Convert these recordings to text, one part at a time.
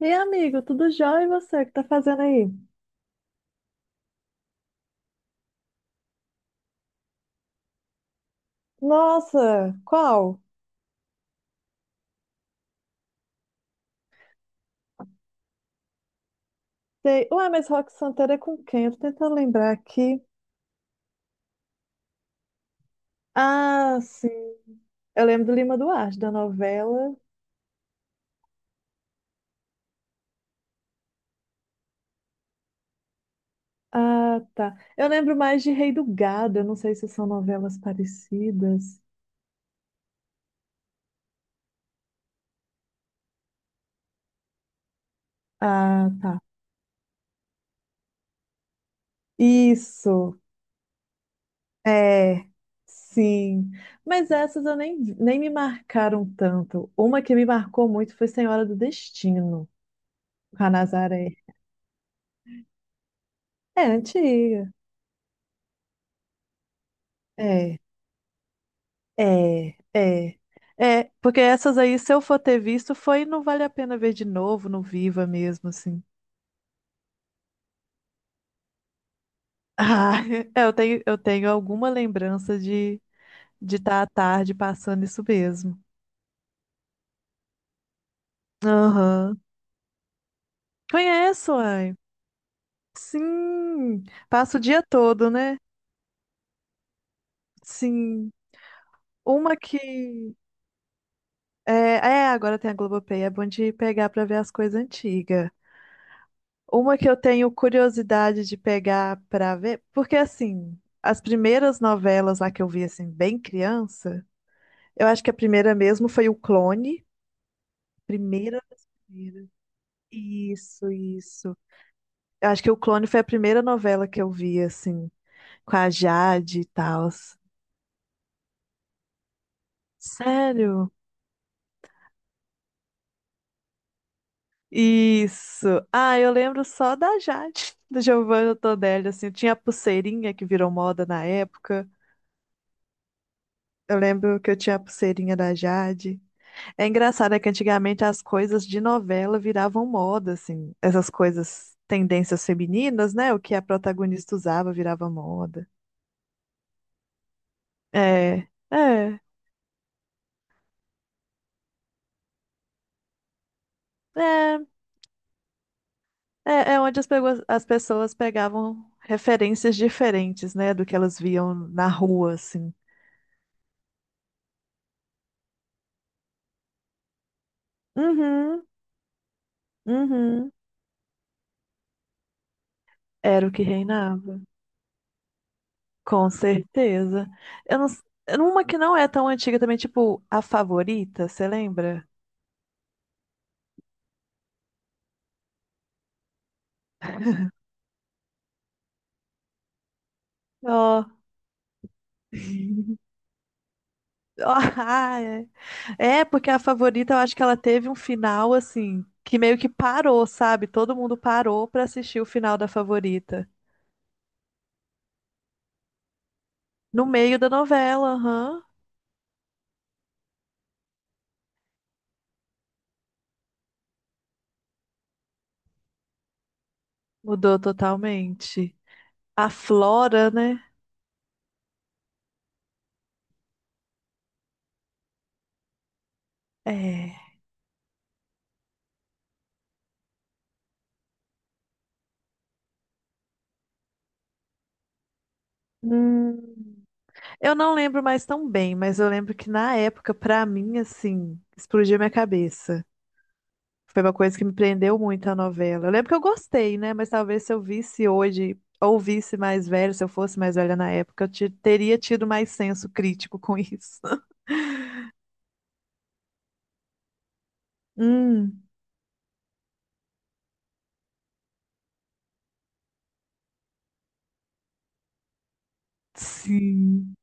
E amigo, tudo jóia e você? O que tá fazendo aí? Nossa, qual? Sei. Ué, mas Rock Santeiro é com quem? Eu tô tentando lembrar aqui. Ah, sim. Eu lembro do Lima Duarte, da novela. Ah, tá. Eu lembro mais de Rei do Gado. Eu não sei se são novelas parecidas. Ah, tá. Isso. É. Sim. Mas essas eu nem me marcaram tanto. Uma que me marcou muito foi Senhora do Destino, com a Nazaré. É antiga. É, é. É, porque essas aí, se eu for ter visto, foi não vale a pena ver de novo no Viva mesmo, assim. Ah, é, eu tenho alguma lembrança de estar à tarde passando isso mesmo. Aham. Conheço, ai. Sim. Passa o dia todo, né? Sim. Uma que agora tem a Globoplay, é bom de pegar pra ver as coisas antigas. Uma que eu tenho curiosidade de pegar pra ver, porque assim, as primeiras novelas lá que eu vi assim bem criança, eu acho que a primeira mesmo foi o Clone, primeira das primeiras. Isso. Eu acho que o Clone foi a primeira novela que eu vi assim, com a Jade e tal. Sério? Isso. Ah, eu lembro só da Jade, do Giovanna Todelli, assim, eu tinha a pulseirinha que virou moda na época. Eu lembro que eu tinha a pulseirinha da Jade. É engraçado é que antigamente as coisas de novela viravam moda, assim. Essas coisas, tendências femininas, né? O que a protagonista usava virava moda. É, é, é, é onde as pessoas pegavam referências diferentes, né? Do que elas viam na rua, assim. Uhum, uhum. Era o que reinava. Com certeza. Eu não, s- uma que não é tão antiga também, tipo A Favorita, você lembra? Ó. Ah, é. É, porque a favorita, eu acho que ela teve um final assim, que meio que parou, sabe? Todo mundo parou pra assistir o final da favorita. No meio da novela, aham. Mudou totalmente. A Flora, né? É. Hum. Eu não lembro mais tão bem, mas eu lembro que na época, pra mim, assim, explodiu minha cabeça. Foi uma coisa que me prendeu muito a novela. Eu lembro que eu gostei, né? Mas talvez se eu visse hoje, ou visse mais velho, se eu fosse mais velha na época, teria tido mais senso crítico com isso. Hum, sim,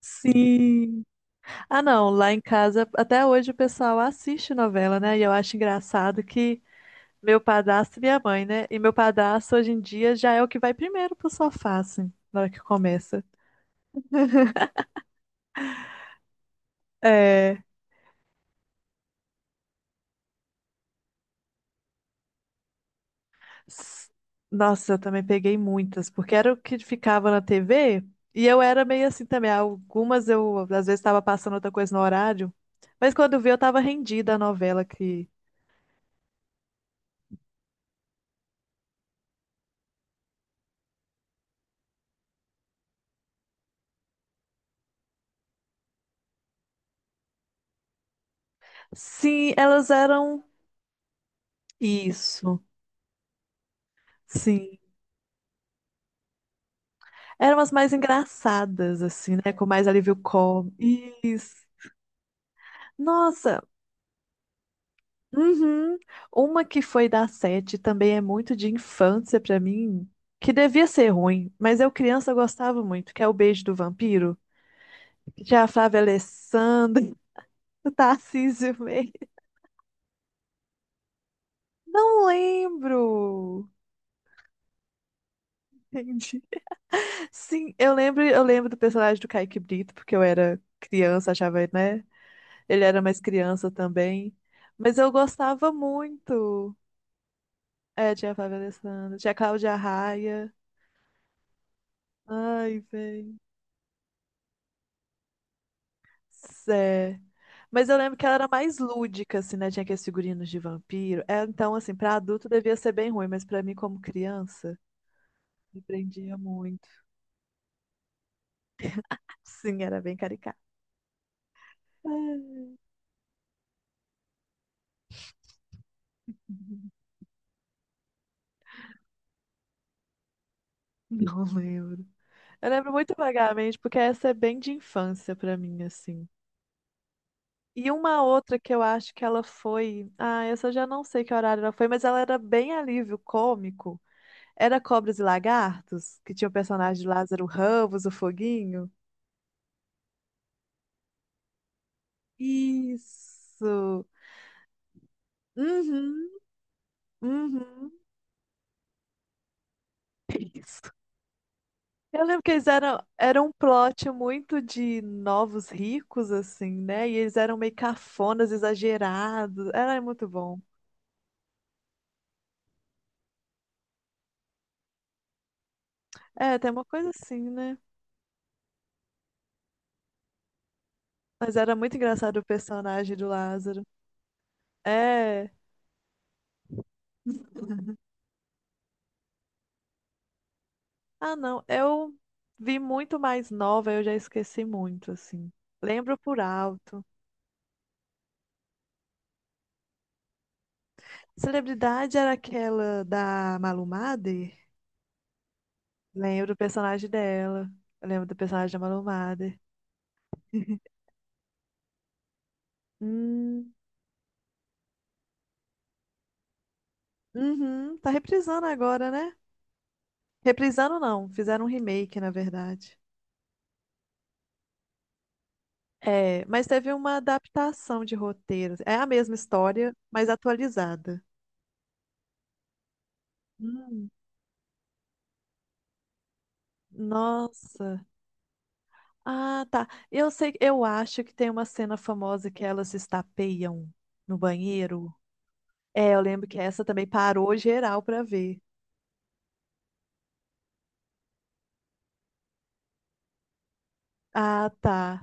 sim. Ah, não, lá em casa, até hoje o pessoal assiste novela, né? E eu acho engraçado que meu padrasto e minha mãe, né? E meu padrasto hoje em dia já é o que vai primeiro pro sofá, assim, na hora que começa. É. S- Nossa, eu também peguei muitas, porque era o que ficava na TV e eu era meio assim também. Algumas eu, às vezes, estava passando outra coisa no horário, mas quando eu vi, eu estava rendida à novela que. Sim, elas eram. Isso, sim. Eram as mais engraçadas, assim, né? Com mais alívio cômico. Isso. Nossa, uhum. Uma que foi da Sete também é muito de infância pra mim, que devia ser ruim, mas eu criança gostava muito, que é o Beijo do Vampiro. Já a Flávia Alessandra, o Tarcísio Meira. Não lembro. Entendi. Sim, eu lembro do personagem do Kaique Brito, porque eu era criança, achava, né? Ele era mais criança também. Mas eu gostava muito. É, tinha a Flávia Alessandra, tinha a Cláudia Raia. Ai, velho. É. Mas eu lembro que ela era mais lúdica, assim, né? Tinha aqueles figurinos de vampiro. É, então, assim, pra adulto devia ser bem ruim, mas pra mim, como criança, me prendia muito. Sim, era bem caricata. Não lembro. Eu lembro muito vagamente, porque essa é bem de infância pra mim, assim. E uma outra que eu acho que ela foi. Ah, essa eu já não sei que horário ela foi, mas ela era bem alívio cômico. Era Cobras e Lagartos, que tinha o personagem de Lázaro Ramos, o Foguinho. Isso! Uhum, uhum. Isso. Eu lembro que eles eram, era um plot muito de novos ricos, assim, né? E eles eram meio cafonas, exagerados. Era muito bom. É, tem uma coisa assim, né? Mas era muito engraçado o personagem do Lázaro. É. Ah, não. Eu vi muito mais nova, eu já esqueci muito, assim. Lembro por alto. Celebridade era aquela da Malu Mader? Lembro do personagem dela. Eu lembro do personagem da Malu Mader. Hum. Uhum, tá reprisando agora, né? Reprisando não, fizeram um remake, na verdade. É, mas teve uma adaptação de roteiro. É a mesma história, mas atualizada. Hum, nossa. Ah, tá. Eu sei, eu acho que tem uma cena famosa que elas se estapeiam no banheiro. É, eu lembro que essa também parou geral pra ver. Ah, tá.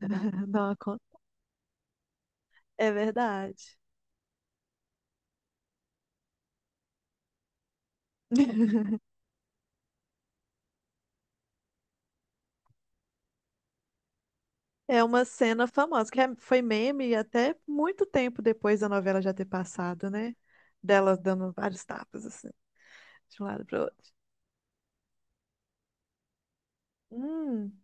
Não, acon- é verdade. É uma cena famosa, foi meme até muito tempo depois da novela já ter passado, né? Delas dando vários tapas, assim, de um lado para outro. Hum,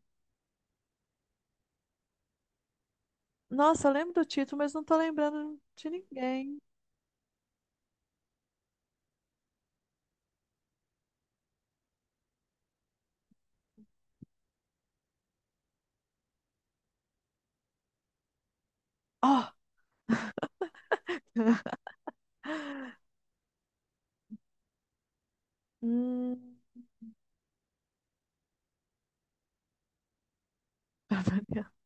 nossa, eu lembro do título, mas não tô lembrando de ninguém. Ó! Hum,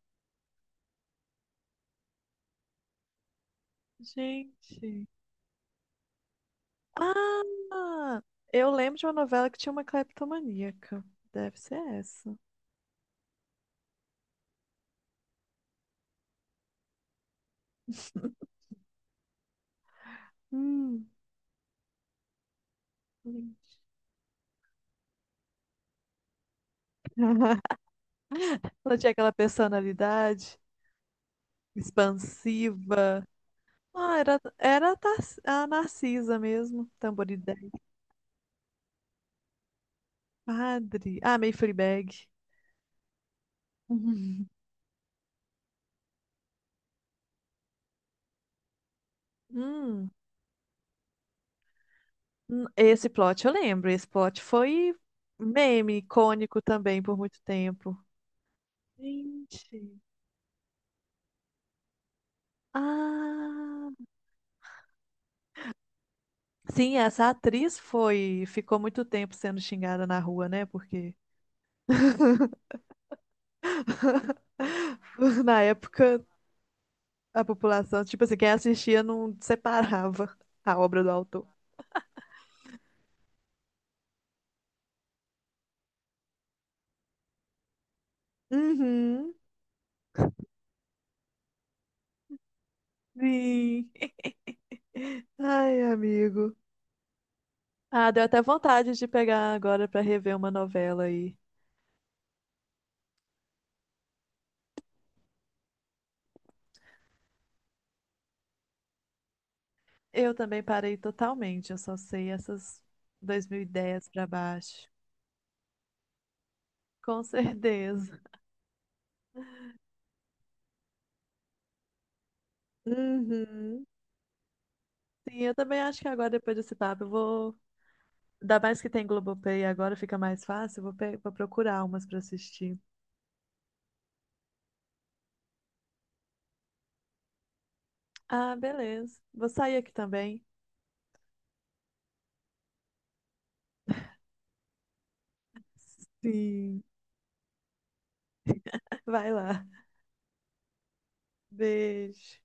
gente. Ah! Eu lembro de uma novela que tinha uma cleptomaníaca. Deve ser essa. Hum, gente. Ela tinha aquela personalidade expansiva. Ah, era, a Narcisa mesmo. Tamborideg. Padre. Ah, Mayfree Bag. Hum, esse plot eu lembro. Esse plot foi meme icônico também por muito tempo. Gente. Ah, sim, essa atriz foi, ficou muito tempo sendo xingada na rua, né? Porque na época a população, tipo assim, quem assistia não separava a obra do autor. Uhum. Sim. Ai, amigo. Ah, deu até vontade de pegar agora pra rever uma novela aí. Eu também parei totalmente, eu só sei essas 2010 pra baixo. Com certeza. Uhum. Sim, eu também acho que agora, depois desse papo, eu vou. Ainda mais que tem Globoplay agora, fica mais fácil. Eu Vou, pe- vou procurar umas pra assistir. Ah, beleza. Vou sair aqui também. Sim. Vai lá. Beijo.